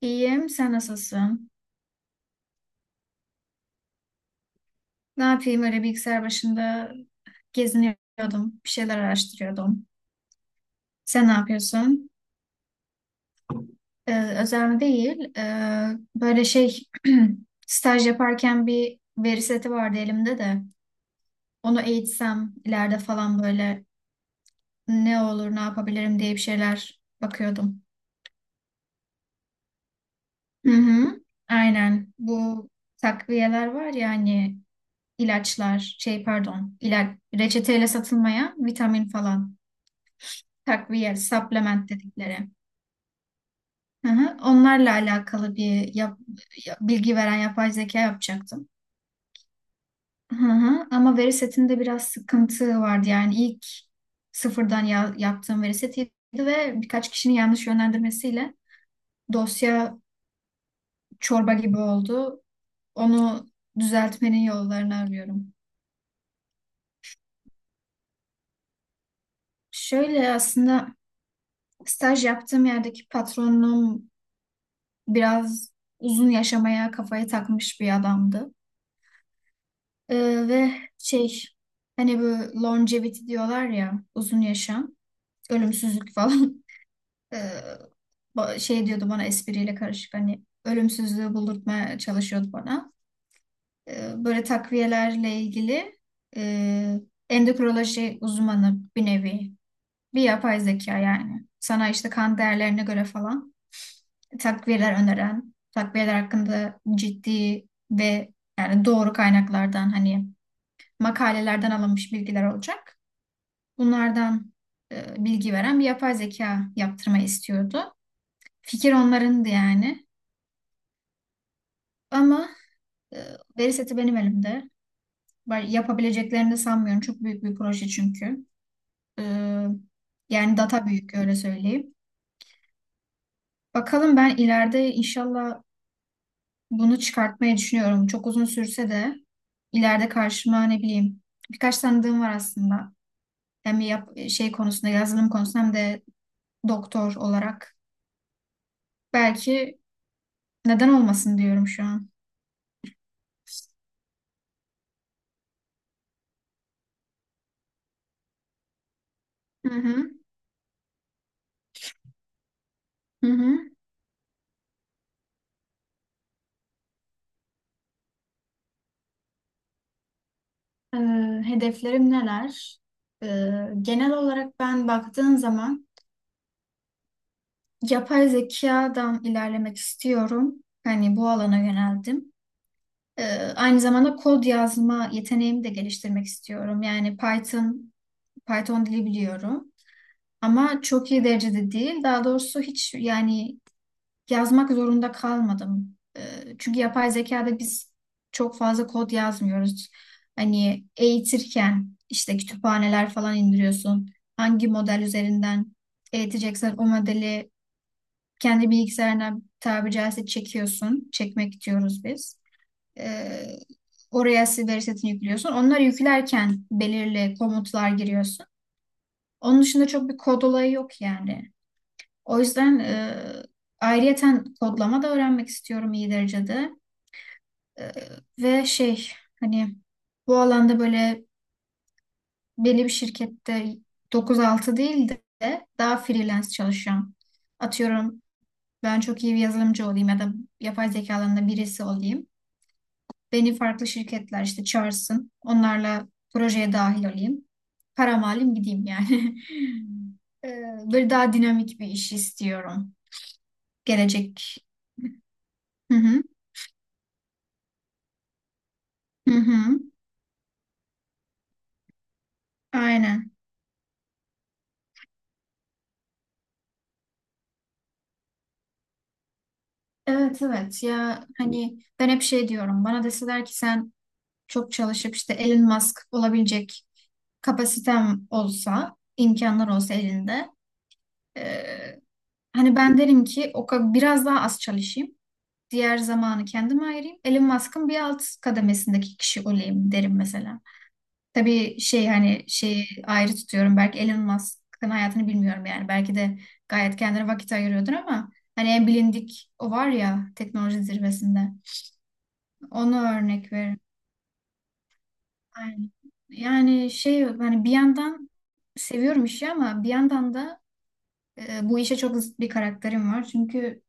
İyiyim, sen nasılsın? Ne yapayım öyle bilgisayar başında geziniyordum, bir şeyler araştırıyordum. Sen ne yapıyorsun? Özel mi değil, böyle şey staj yaparken bir veri seti vardı elimde de. Onu eğitsem ileride falan böyle ne olur ne yapabilirim diye bir şeyler bakıyordum. Hı hı, aynen bu takviyeler var ya hani ilaçlar şey pardon ilaç reçeteyle satılmayan vitamin falan. Takviye, supplement dedikleri. Hı hı. Onlarla alakalı bir bilgi veren yapay zeka yapacaktım. Hı hı. Ama veri setinde biraz sıkıntı vardı. Yani ilk sıfırdan yaptığım veri setiydi ve birkaç kişinin yanlış yönlendirmesiyle dosya çorba gibi oldu. Onu düzeltmenin yollarını arıyorum. Şöyle aslında staj yaptığım yerdeki patronum biraz uzun yaşamaya kafayı takmış bir adamdı. Ve şey hani bu longevity diyorlar ya uzun yaşam, ölümsüzlük falan. Ee, şey diyordu bana espriyle karışık hani ölümsüzlüğü buldurtmaya çalışıyordu bana. Böyle takviyelerle ilgili e, endokrinoloji uzmanı bir nevi bir yapay zeka yani. Sana işte kan değerlerine göre falan takviyeler öneren, takviyeler hakkında ciddi ve yani doğru kaynaklardan hani makalelerden alınmış bilgiler olacak. Bunlardan bilgi veren bir yapay zeka yaptırmayı istiyordu. Fikir onlarındı yani. Ama e, veri seti benim elimde. Yapabileceklerini de sanmıyorum. Çok büyük bir proje çünkü. E, yani data büyük öyle söyleyeyim. Bakalım ben ileride inşallah bunu çıkartmayı düşünüyorum. Çok uzun sürse de ileride karşıma ne bileyim birkaç tanıdığım var aslında. Hem şey konusunda yazılım konusunda hem de doktor olarak. Belki neden olmasın diyorum şu an. Hı hı, hı hı. Ee, hedeflerim neler? Ee, genel olarak ben baktığım zaman yapay zekadan ilerlemek istiyorum. Hani bu alana yöneldim. Ee, aynı zamanda kod yazma yeteneğimi de geliştirmek istiyorum. Yani Python dili biliyorum. Ama çok iyi derecede değil. Daha doğrusu hiç yani yazmak zorunda kalmadım. Çünkü yapay zekada biz çok fazla kod yazmıyoruz. Hani eğitirken işte kütüphaneler falan indiriyorsun. Hangi model üzerinden eğiteceksen o modeli kendi bilgisayarına tabiri caizse çekiyorsun. Çekmek diyoruz biz. Ee, oraya veri setini yüklüyorsun. Onları yüklerken belirli komutlar giriyorsun. Onun dışında çok bir kod olayı yok yani. O yüzden ayrıyeten kodlama da öğrenmek istiyorum iyi derecede. E, ve şey hani bu alanda böyle belli bir şirkette dokuz altı değil de daha freelance çalışacağım. Atıyorum ben çok iyi bir yazılımcı olayım ya da yapay zeka alanında birisi olayım. Beni farklı şirketler işte çağırsın. Onlarla projeye dahil olayım. Param alayım gideyim yani. E, böyle daha dinamik bir iş istiyorum. Gelecek. Hı hı. Hı hı. Aynen. Evet evet ya hani ben hep şey diyorum bana deseler ki sen çok çalışıp işte Elon Musk olabilecek kapasitem olsa imkanlar olsa elinde eee, hani ben derim ki biraz daha az çalışayım diğer zamanı kendime ayırayım Elon Musk'ın bir alt kademesindeki kişi olayım derim mesela. Tabii şey hani şeyi ayrı tutuyorum. Belki Elon Musk'ın hayatını bilmiyorum yani. Belki de gayet kendine vakit ayırıyordur ama hani en bilindik o var ya teknoloji zirvesinde. Onu örnek veririm. Aynen. Yani şey hani bir yandan seviyorum işi ama bir yandan da bu işe çok zıt bir karakterim var. Çünkü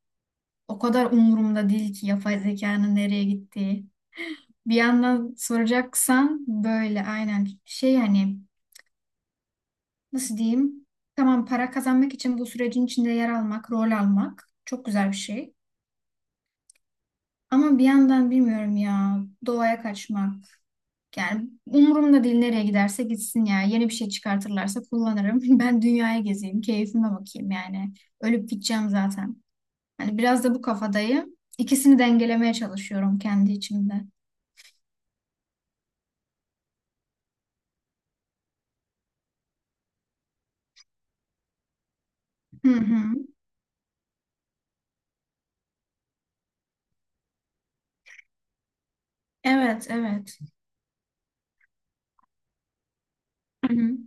o kadar umurumda değil ki yapay zekanın nereye gittiği. Bir yandan soracaksan böyle aynen şey hani nasıl diyeyim? Tamam para kazanmak için bu sürecin içinde yer almak, rol almak çok güzel bir şey. Ama bir yandan bilmiyorum ya doğaya kaçmak. Yani umurumda değil nereye giderse gitsin ya. Yeni bir şey çıkartırlarsa kullanırım. Ben dünyaya gezeyim, keyfime bakayım yani. Ölüp gideceğim zaten. Hani biraz da bu kafadayım. İkisini dengelemeye çalışıyorum kendi içimde. Hı hı. Evet, evet. Hı hı.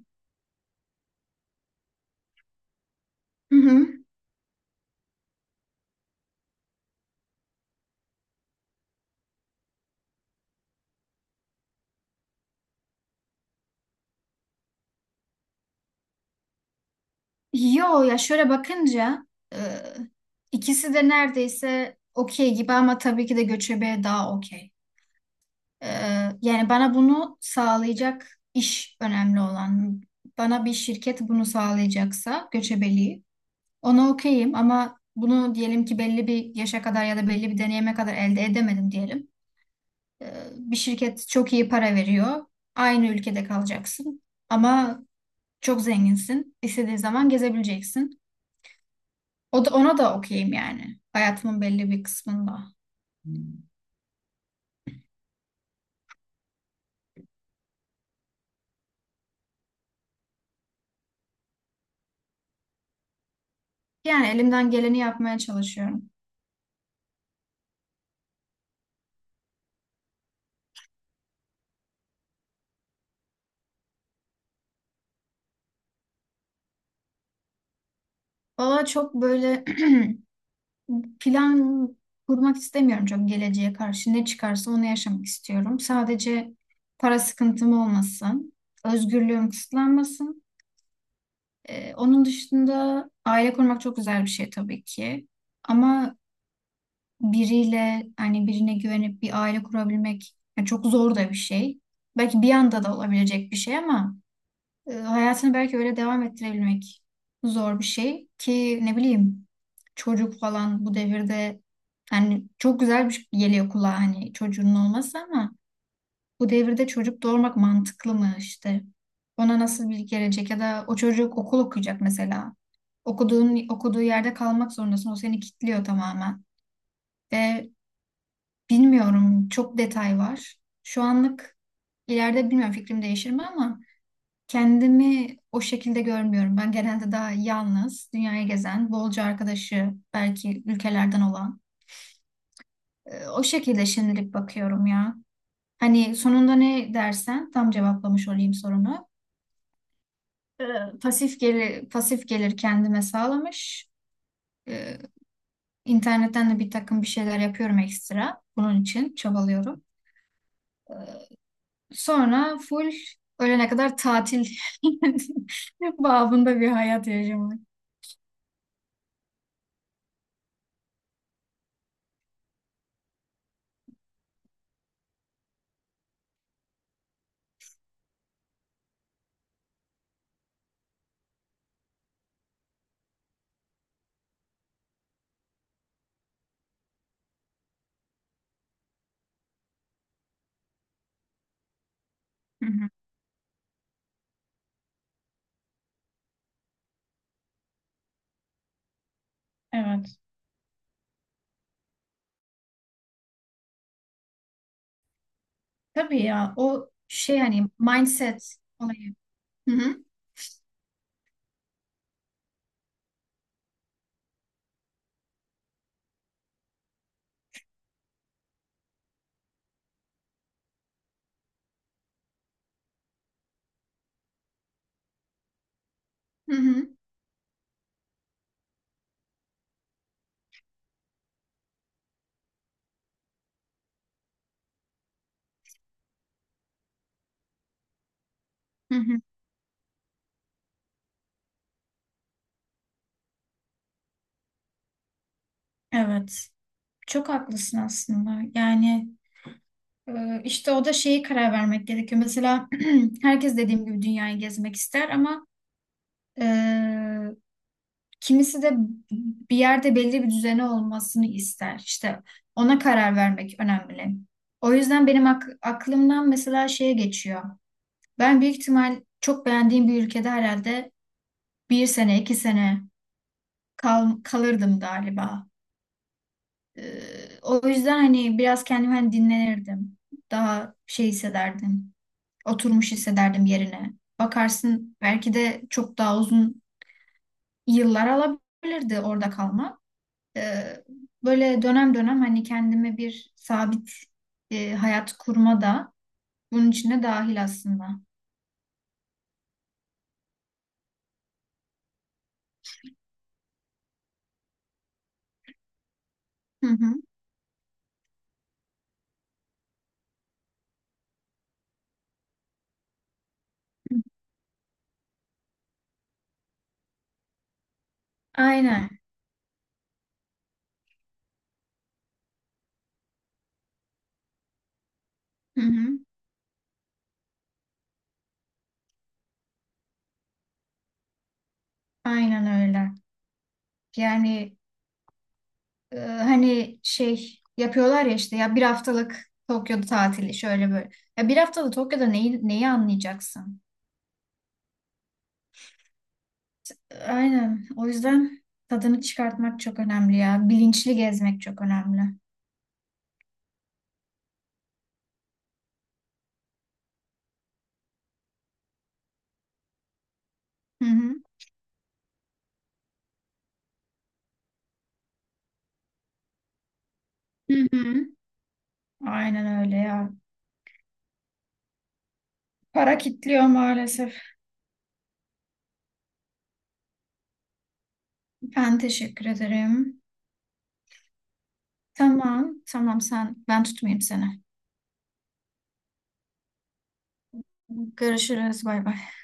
Hı hı. Yo ya şöyle bakınca e, ikisi de neredeyse okey gibi ama tabii ki de göçebe daha okey. E, yani bana bunu sağlayacak iş önemli olan. Bana bir şirket bunu sağlayacaksa göçebeliği ona okeyim ama bunu diyelim ki belli bir yaşa kadar ya da belli bir deneyime kadar elde edemedim diyelim. E, bir şirket çok iyi para veriyor. Aynı ülkede kalacaksın ama çok zenginsin. İstediğin zaman gezebileceksin. O da, ona da okeyim yani. Hayatımın belli bir kısmında. Yani elimden geleni yapmaya çalışıyorum. Valla çok böyle plan kurmak istemiyorum çok geleceğe karşı. Ne çıkarsa onu yaşamak istiyorum. Sadece para sıkıntım olmasın. Özgürlüğüm kısıtlanmasın. Onun dışında aile kurmak çok güzel bir şey tabii ki. Ama biriyle hani birine güvenip bir aile kurabilmek yani çok zor da bir şey. Belki bir anda da olabilecek bir şey ama hayatını belki öyle devam ettirebilmek zor bir şey ki ne bileyim çocuk falan bu devirde hani çok güzel bir şey geliyor kulağa hani çocuğunun olması ama bu devirde çocuk doğurmak mantıklı mı işte ona nasıl bir gelecek ya da o çocuk okul okuyacak mesela okuduğu yerde kalmak zorundasın o seni kilitliyor tamamen ve bilmiyorum çok detay var şu anlık ileride bilmiyorum fikrim değişir mi ama kendimi o şekilde görmüyorum. Ben genelde daha yalnız, dünyayı gezen, bolca arkadaşı belki ülkelerden olan. O şekilde şimdilik bakıyorum ya. Hani sonunda ne dersen tam cevaplamış olayım sorunu. E, Pasif gelir, pasif gelir kendime sağlamış. E, İnternetten de bir takım bir şeyler yapıyorum ekstra. Bunun için çabalıyorum. Sonra full ölene kadar tatil babında bir hayat yaşamak. Hı hı. Evet. Tabii ya o şey hani mindset olayı. Hı hı, hı hı, hı hı. Evet. Çok haklısın aslında. Yani işte o da şeyi karar vermek gerekiyor. Mesela herkes dediğim gibi dünyayı gezmek ister ama e, kimisi de bir yerde belli bir düzeni olmasını ister. İşte ona karar vermek önemli. O yüzden benim aklımdan mesela şeye geçiyor. Ben büyük ihtimal çok beğendiğim bir ülkede herhalde bir sene, iki sene kalırdım galiba. O yüzden hani biraz kendimi hani dinlenirdim. Daha şey hissederdim. Oturmuş hissederdim yerine. Bakarsın belki de çok daha uzun yıllar alabilirdi orada kalmak. Ee, böyle dönem dönem hani kendime bir sabit hayat kurma da bunun içine dahil aslında. Hı hı. Aynen. Hı hı. Aynen öyle. Yani hani şey yapıyorlar ya işte ya bir haftalık Tokyo'da tatili şöyle böyle. Ya bir haftalık Tokyo'da neyi, neyi anlayacaksın? Aynen. O yüzden tadını çıkartmak çok önemli ya. Bilinçli gezmek çok önemli. Hı hı. Hı hı. Aynen öyle ya. Para kitliyor maalesef. Ben teşekkür ederim. Tamam, tamam sen ben tutmayayım seni. Görüşürüz. Bay bay.